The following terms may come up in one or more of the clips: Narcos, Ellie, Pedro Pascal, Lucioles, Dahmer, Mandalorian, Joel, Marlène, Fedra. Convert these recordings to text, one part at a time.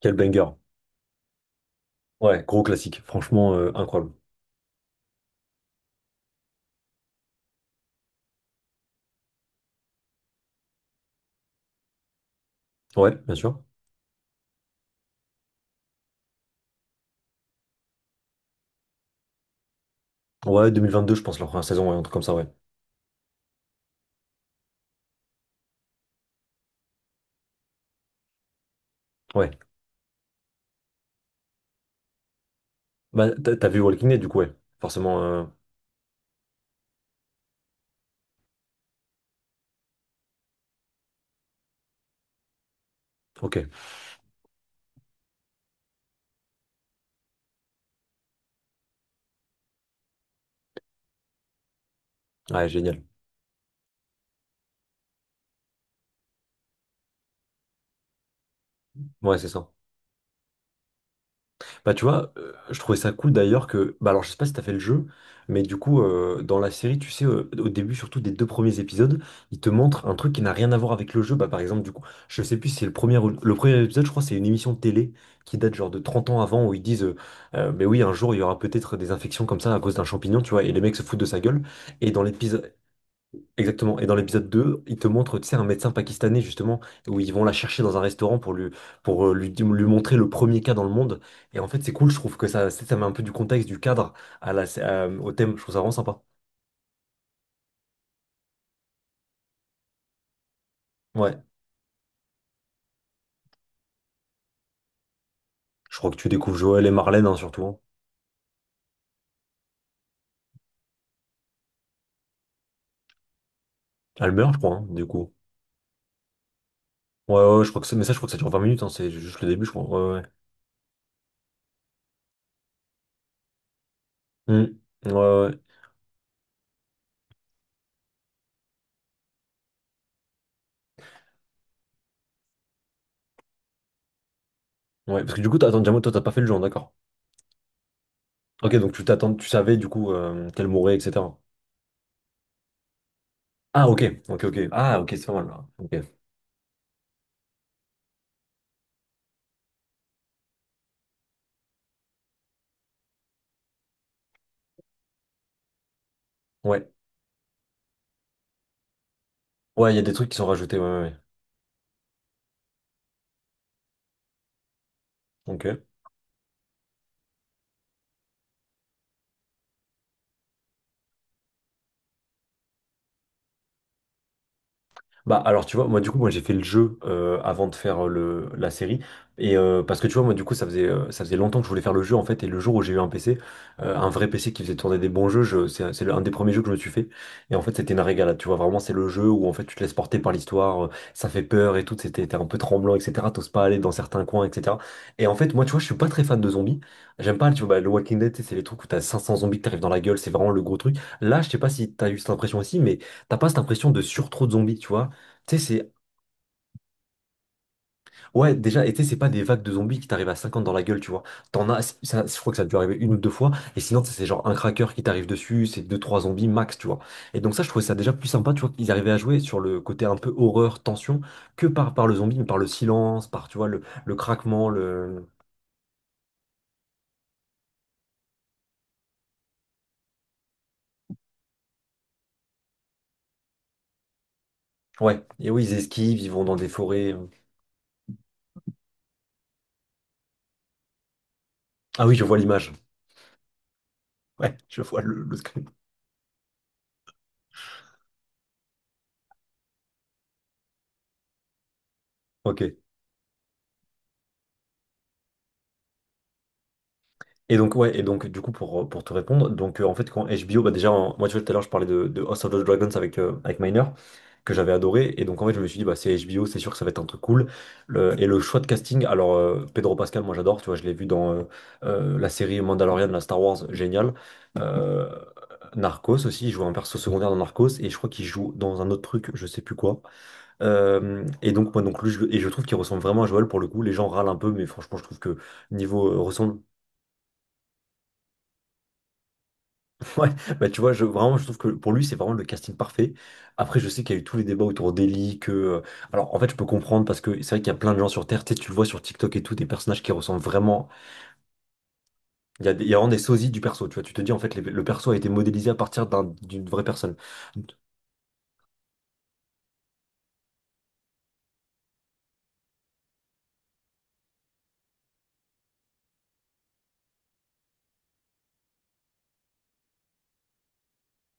Quel banger. Ouais, gros classique. Franchement, incroyable. Ouais, bien sûr. Ouais, 2022, je pense, la première saison, ouais, un truc comme ça, ouais. Ouais. Bah, t'as vu Walking Dead, du coup, ouais. Forcément, ok. Ouais, génial. Ouais, c'est ça. Bah tu vois, je trouvais ça cool d'ailleurs que... Bah alors je sais pas si t'as fait le jeu, mais du coup dans la série, tu sais, au début surtout des deux premiers épisodes, ils te montrent un truc qui n'a rien à voir avec le jeu. Bah par exemple du coup, je sais plus si c'est le premier, le premier épisode, je crois c'est une émission de télé qui date genre de 30 ans avant où ils disent, mais oui un jour il y aura peut-être des infections comme ça à cause d'un champignon, tu vois, et les mecs se foutent de sa gueule. Et dans l'épisode, Exactement. Et dans l'épisode 2, il te montre, tu sais, un médecin pakistanais, justement, où ils vont la chercher dans un restaurant pour lui, pour lui montrer le premier cas dans le monde. Et en fait, c'est cool, je trouve que ça met un peu du contexte, du cadre au thème. Je trouve ça vraiment sympa. Ouais. Je crois que tu découvres Joël et Marlène, hein, surtout, hein. Elle meurt, je crois, hein, du coup. Ouais, ouais, je crois que ça, mais ça, je crois que ça dure 20 minutes, hein, c'est juste le début, je crois. Ouais, ouais. Hmm. Ouais, ouais. Ouais, parce que du coup, attends, Diamo, toi, t'as pas fait le jeu, hein, d'accord. Ok, donc tu t'attends, tu savais, du coup, qu'elle mourrait, etc. Ah, ok, ok, ok. Ah, ok, c'est pas mal, là. Ok. Ouais. Ouais, il y a des trucs qui sont rajoutés, ouais, ouais, ouais. Ok. Bah alors tu vois moi du coup moi j'ai fait le jeu avant de faire le la série et parce que tu vois moi du coup ça faisait longtemps que je voulais faire le jeu en fait. Et le jour où j'ai eu un PC, un vrai PC qui faisait tourner des bons jeux, c'est un des premiers jeux que je me suis fait. Et en fait c'était une régalade, tu vois, vraiment c'est le jeu où en fait tu te laisses porter par l'histoire, ça fait peur et tout, c'était, t'es un peu tremblant, etc. T'oses pas aller dans certains coins, etc. Et en fait moi tu vois je suis pas très fan de zombies, j'aime pas, tu vois, bah, le Walking Dead, tu sais, c'est les trucs où t'as 500 zombies qui t'arrivent dans la gueule, c'est vraiment le gros truc là, je sais pas si t'as eu cette impression aussi, mais t'as pas cette impression de surtrop de zombies, tu vois. Tu sais, c'est. Ouais, déjà, et tu sais, c'est pas des vagues de zombies qui t'arrivent à 50 dans la gueule, tu vois. T'en as. Ça, je crois que ça a dû arriver une ou deux fois. Et sinon, tu sais, c'est genre un cracker qui t'arrive dessus, c'est deux, trois zombies max, tu vois. Et donc, ça, je trouvais ça déjà plus sympa, tu vois, qu'ils arrivaient à jouer sur le côté un peu horreur, tension, que par le zombie, mais par le silence, par, tu vois, le craquement, le. Ouais. Et oui, ils esquivent, ils vont dans des forêts. Ah oui, je vois l'image. Ouais, je vois le screen. Ok. Et donc, ouais, et donc, du coup, pour te répondre, donc, en fait, quand HBO, bah, déjà, moi, tu vois, tout à l'heure, je parlais de House of the Dragons avec, avec Miner, que j'avais adoré, et donc, en fait, je me suis dit, bah, c'est HBO, c'est sûr que ça va être un truc cool. Et le choix de casting, alors, Pedro Pascal, moi, j'adore, tu vois, je l'ai vu dans la série Mandalorian, la Star Wars, génial. Euh, Narcos aussi, il joue un perso secondaire dans Narcos, et je crois qu'il joue dans un autre truc, je sais plus quoi. Et donc, moi, donc, lui, et je trouve qu'il ressemble vraiment à Joel pour le coup, les gens râlent un peu, mais franchement, je trouve que niveau ressemble. Ouais, bah tu vois, je, vraiment, je trouve que pour lui, c'est vraiment le casting parfait. Après, je sais qu'il y a eu tous les débats autour d'Ellie, Alors, en fait, je peux comprendre, parce que c'est vrai qu'il y a plein de gens sur Terre, tu sais, tu le vois sur TikTok et tout, des personnages qui ressemblent vraiment... Il y a vraiment des sosies du perso, tu vois. Tu te dis, en fait, le perso a été modélisé à partir d'une vraie personne.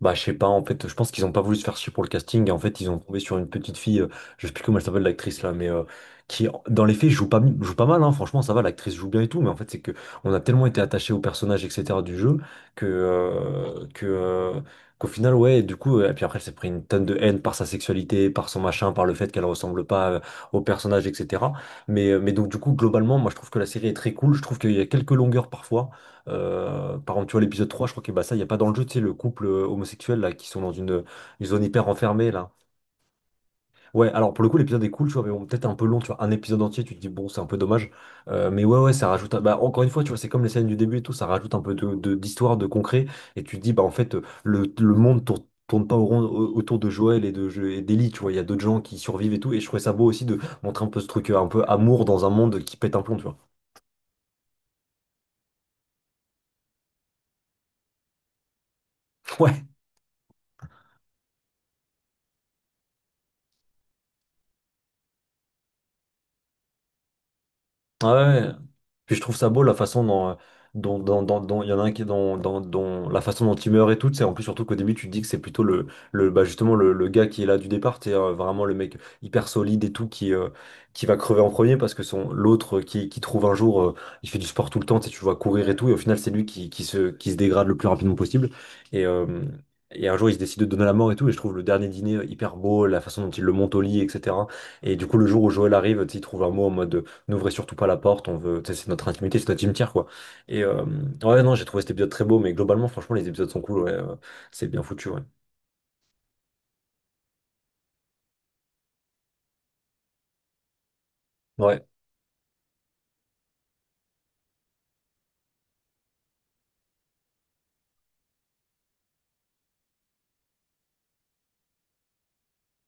Bah, je sais pas, en fait, je pense qu'ils ont pas voulu se faire chier pour le casting, et en fait, ils ont tombé sur une petite fille, je sais plus comment elle s'appelle l'actrice là, mais qui, dans les faits, joue pas mal, hein, franchement, ça va, l'actrice joue bien et tout, mais en fait, c'est que on a tellement été attaché au personnage, etc., du jeu, que, euh, que, euh, qu'au final, ouais, du coup, et puis après, elle s'est pris une tonne de haine par sa sexualité, par son machin, par le fait qu'elle ressemble pas au personnage, etc. Mais donc, du coup, globalement, moi, je trouve que la série est très cool, je trouve qu'il y a quelques longueurs parfois, par exemple, tu vois, l'épisode 3, je crois que bah, ça, il n'y a pas dans le jeu, tu sais, le couple homosexuel, là, qui sont dans une zone hyper enfermée, là. Ouais, alors pour le coup, l'épisode est cool, tu vois, mais bon, peut-être un peu long, tu vois, un épisode entier, tu te dis, bon, c'est un peu dommage. Mais ouais, ouais, ça rajoute, bah, encore une fois, tu vois, c'est comme les scènes du début et tout, ça rajoute un peu d'histoire, de concret, et tu te dis, bah, en fait, le monde tourne, pas autour de Joël et d'Ellie, tu vois, il y a d'autres gens qui survivent et tout, et je trouvais ça beau aussi de montrer un peu ce truc, un peu amour dans un monde qui pète un plomb, tu vois. Ouais. Ouais. Ouais. Puis je trouve ça beau la façon dont il y en a un qui la façon dont il meurt et tout, c'est en plus surtout qu'au début tu te dis que c'est plutôt le bah justement le gars qui est là du départ, c'est vraiment le mec hyper solide et tout qui va crever en premier parce que son l'autre qui trouve un jour il fait du sport tout le temps, tu sais, tu le vois courir et tout et au final c'est lui qui se dégrade le plus rapidement possible et euh, Et un jour, il se décide de donner la mort et tout. Et je trouve le dernier dîner hyper beau, la façon dont il le monte au lit, etc. Et du coup, le jour où Joël arrive, tu sais, il trouve un mot en mode n'ouvrez surtout pas la porte, on veut, tu sais, c'est notre intimité, c'est notre cimetière, quoi. Et euh, ouais, non, j'ai trouvé cet épisode très beau, mais globalement, franchement, les épisodes sont cool, ouais, c'est bien foutu, ouais. Ouais.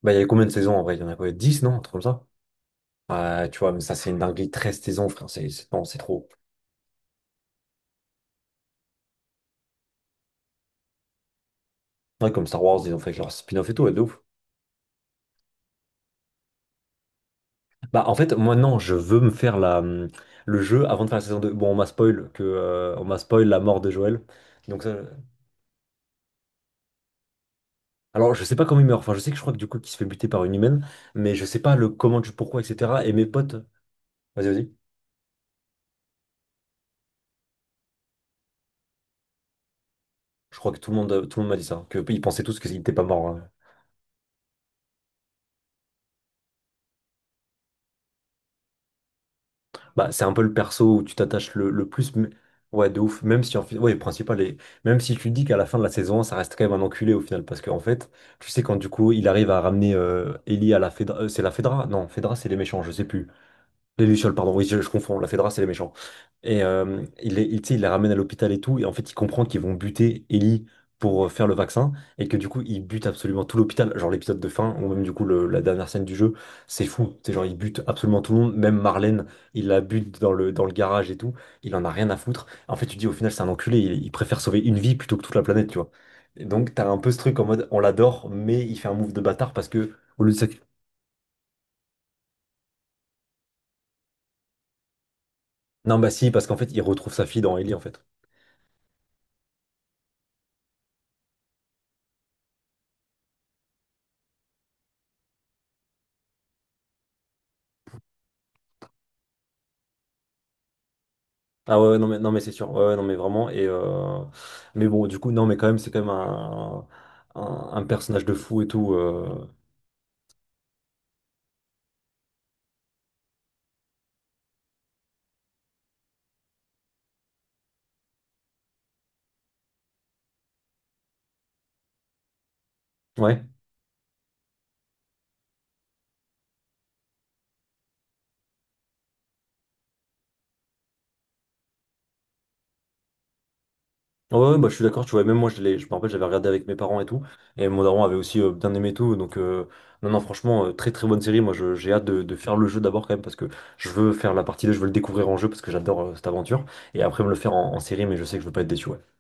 Bah, il y a combien de saisons en vrai? Il y en a quoi? Dix non? Un truc comme ça? Ouais, tu vois, mais ça, c'est une dinguerie, 13 saisons, frère, non, c'est trop. Ouais, comme Star Wars, ils ont fait leur spin-off et tout, ouais, de ouf. Bah, en fait, moi, non, je veux me faire le jeu avant de faire la saison deux. Bon, on m'a spoil on m'a spoil la mort de Joël. Donc, ça. Alors, je sais pas comment il meurt. Enfin, je sais que je crois que du coup, qu'il se fait buter par une humaine, mais je sais pas le comment, du pourquoi, etc. Et mes potes, vas-y, vas-y. Je crois que tout le monde m'a dit ça, que ils pensaient tous que n'était pas mort, hein. Bah, c'est un peu le perso où tu t'attaches le plus. Ouais, de ouf. Même si en fait, ouais, le principal est, même si tu dis qu'à la fin de la saison, un, ça reste quand même un enculé au final, parce qu'en fait, tu sais quand du coup, il arrive à ramener Ellie à la Fedra, c'est la Fedra? Non, Fedra, c'est les méchants, je sais plus. Les Lucioles, pardon, oui, je confonds, la Fedra, c'est les méchants. Et tu sais, il les ramène à l'hôpital et tout, et en fait, il comprend qu'ils vont buter Ellie pour faire le vaccin, et que du coup, ils butent absolument tout l'hôpital. Genre l'épisode de fin, ou même du coup, la dernière scène du jeu, c'est fou. C'est genre, ils butent absolument tout le monde, même Marlène, il la bute dans le garage et tout, il en a rien à foutre. En fait, tu dis, au final, c'est un enculé, il préfère sauver une vie plutôt que toute la planète, tu vois. Et donc, t'as un peu ce truc en mode, on l'adore, mais il fait un move de bâtard parce que, au lieu de sacrifier. Non, bah si, parce qu'en fait, il retrouve sa fille dans Ellie, en fait. Ah ouais, ouais, non mais non mais c'est sûr. Ouais, ouais, non mais vraiment et mais bon du coup non mais quand même c'est quand même un personnage de fou et tout. Ouais. Ouais, ouais, bah je suis d'accord, tu vois même moi je me rappelle j'avais regardé avec mes parents et tout et mon daron avait aussi bien aimé et tout donc non non franchement très très bonne série moi j'ai hâte de faire le jeu d'abord quand même parce que je veux faire la partie 2 je veux le découvrir en jeu parce que j'adore cette aventure et après me le faire en série mais je sais que je veux pas être déçu ouais.